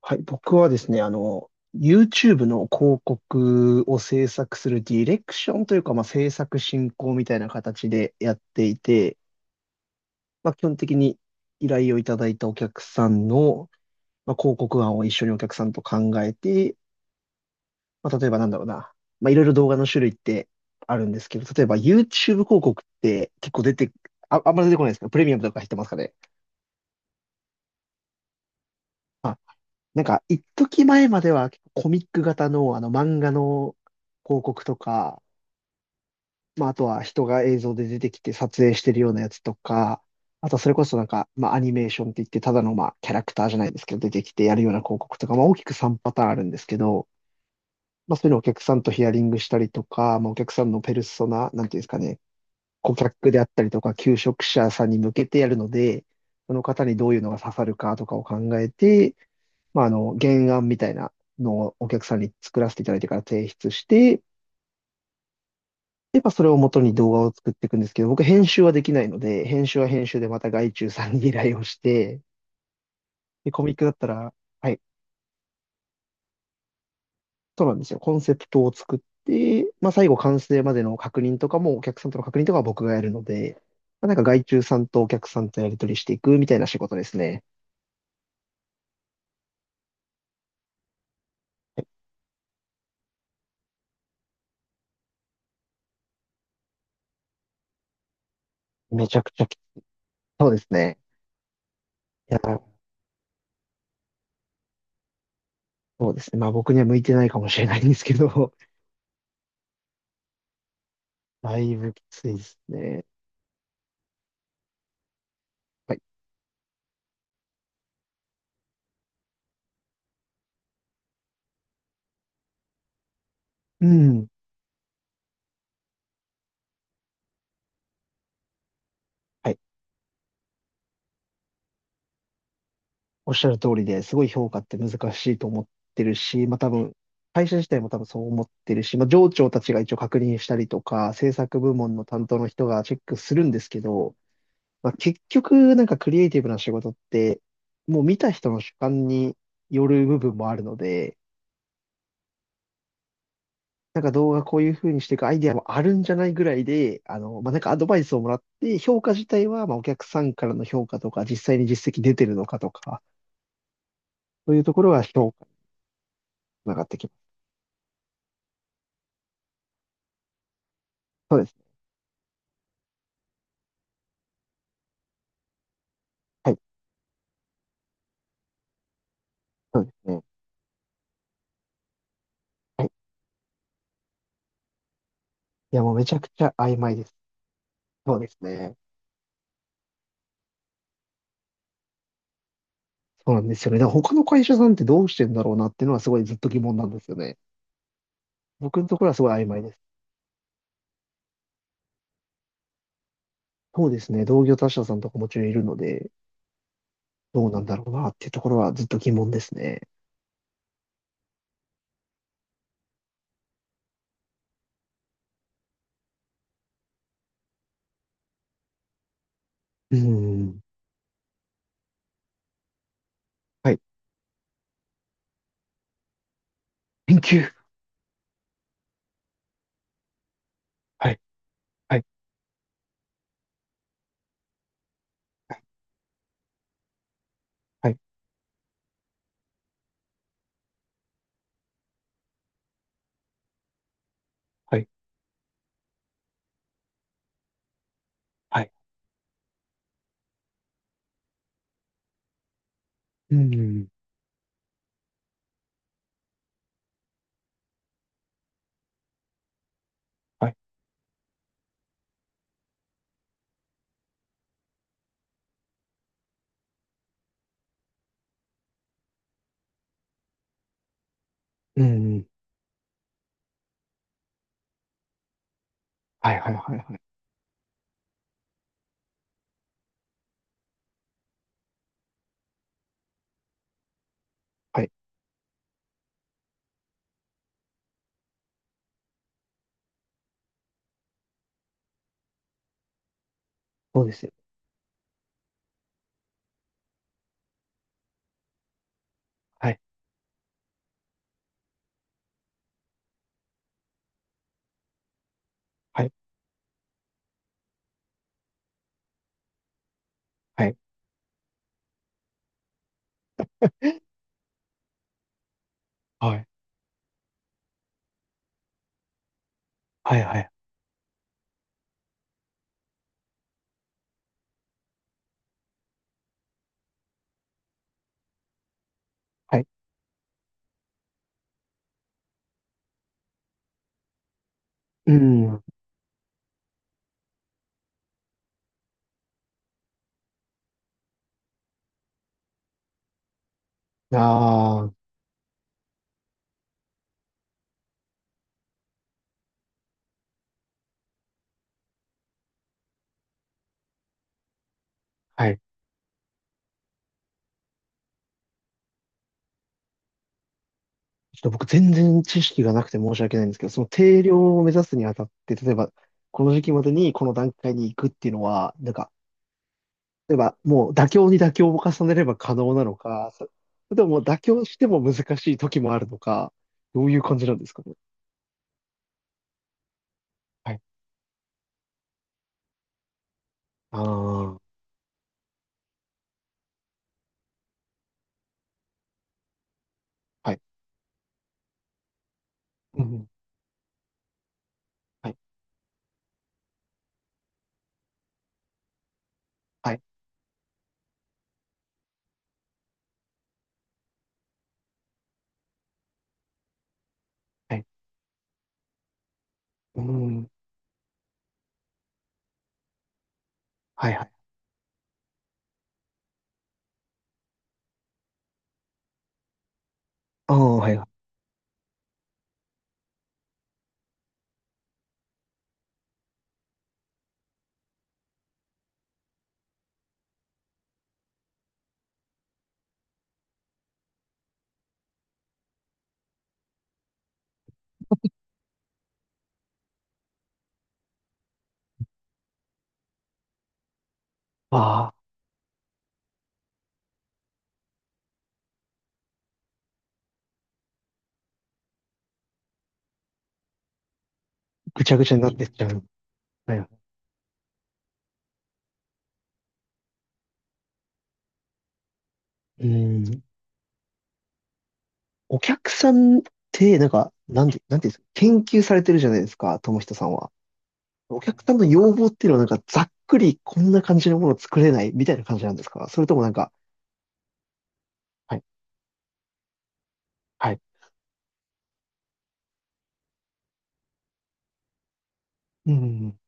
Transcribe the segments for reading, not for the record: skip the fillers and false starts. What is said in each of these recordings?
はい、僕はですね、YouTube の広告を制作するディレクションというか、制作進行みたいな形でやっていて、基本的に依頼をいただいたお客さんの、広告案を一緒にお客さんと考えて、例えばなんだろうな、いろいろ動画の種類ってあるんですけど、例えば YouTube 広告って結構出て、あ、あんまり出てこないですか？プレミアムとか入ってますかね？一時前までは結構コミック型の、あの漫画の広告とか、あとは人が映像で出てきて撮影してるようなやつとか、あとはそれこそアニメーションって言って、ただのキャラクターじゃないですけど、出てきてやるような広告とか、大きく3パターンあるんですけど、そういうのをお客さんとヒアリングしたりとか、お客さんのペルソナ、なんていうんですかね、顧客であったりとか、求職者さんに向けてやるので、その方にどういうのが刺さるかとかを考えて、原案みたいなのをお客さんに作らせていただいてから提出して、やっぱそれを元に動画を作っていくんですけど、僕編集はできないので、編集は編集でまた外注さんに依頼をして、で、コミックだったら、はい、そうなんですよ。コンセプトを作って、最後完成までの確認とかも、お客さんとの確認とかは僕がやるので、外注さんとお客さんとやり取りしていくみたいな仕事ですね。めちゃくちゃき、そうですね。いや、そうですね。僕には向いてないかもしれないんですけど、だいぶきついですね。はい。うん。はい。おっしゃる通りですごい評価って難しいと思ってるし、多分、会社自体も多分そう思ってるし、上長たちが一応確認したりとか、制作部門の担当の人がチェックするんですけど、結局クリエイティブな仕事って、もう見た人の主観による部分もあるので、動画こういう風にしていくアイディアもあるんじゃないぐらいで、アドバイスをもらって、評価自体はお客さんからの評価とか、実際に実績出てるのかとか、そういうところが評価につながってきます。そうですね。はい。そうですね。はい。いや、もうめちゃくちゃ曖昧です。そうですね。そうなんですよね。だから他の会社さんってどうしてんだろうなっていうのはすごいずっと疑問なんですよね。僕のところはすごい曖昧です。そうですね。同業他社さんとかもちろんいるので、どうなんだろうなっていうところはずっと疑問ですね。うーん。はい。研究。はい。はい。はい。はい。はい。うーん。はい。うーん。はい。はい。はい。はい。はい。そうですよ。はい。はい。はい。はい。はい。はい。はい。うーん。ああ。はい。ちょっと僕全然知識がなくて申し訳ないんですけど、その定量を目指すにあたって、例えば、この時期までにこの段階に行くっていうのは、例えばもう妥協に妥協を重ねれば可能なのか、それとももう妥協しても難しい時もあるのか、どういう感じなんですかね？はい。ああ、はい。うん。はい。はい。はい。うん。はいはい。ああ、はいはい。ああ、ぐちゃぐちゃになってっちゃう。はいはい。うん。お客さんって、なんていうんですか、研究されてるじゃないですか、友人さんは。お客さんの要望っていうのは、ざっくりこんな感じのものを作れないみたいな感じなんですか？それともはい、はい、うん、うん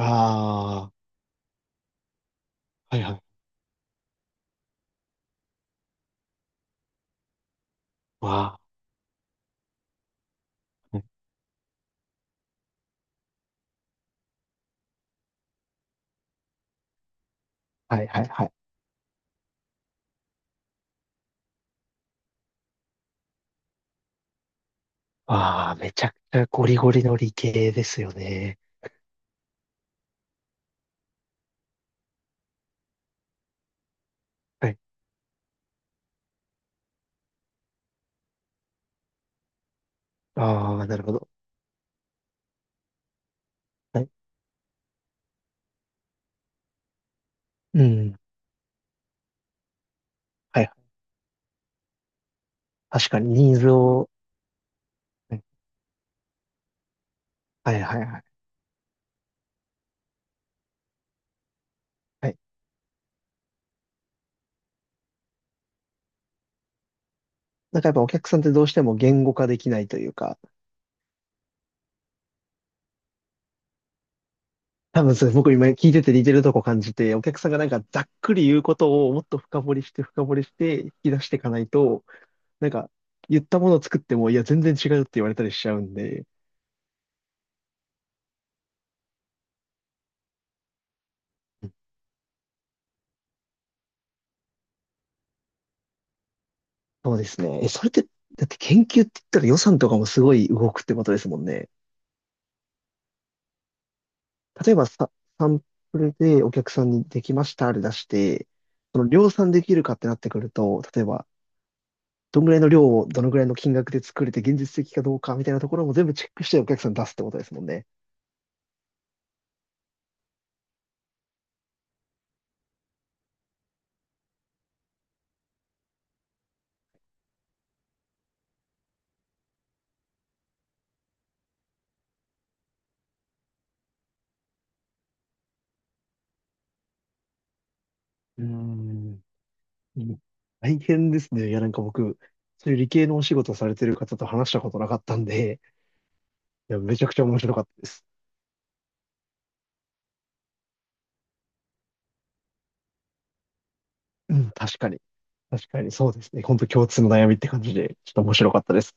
ああ、はいはいうんんああはいはいわあ、はいはいはい。ああ、めちゃくちゃゴリゴリの理系ですよね。はい。ああ、なるほど。はい。うん。はい。確かにニーズを。はいはいはい。はい。はい。やっぱお客さんってどうしても言語化できないというか、多分それ僕今聞いてて似てるとこ感じて、お客さんがざっくり言うことをもっと深掘りして深掘りして引き出していかないと、なんか言ったものを作っても、いや全然違うって言われたりしちゃうんで、そうですね。え、それって、だって研究って言ったら予算とかもすごい動くってことですもんね。例えばさ、サンプルでお客さんにできましたで出して、その量産できるかってなってくると、例えば、どんぐらいの量をどのぐらいの金額で作れて現実的かどうかみたいなところも全部チェックしてお客さんに出すってことですもんね。うーん。大変ですね。いや、僕、そういう理系のお仕事されてる方と話したことなかったんで、いや、めちゃくちゃ面白かったです。うん、確かに。確かに、そうですね。本当共通の悩みって感じで、ちょっと面白かったです。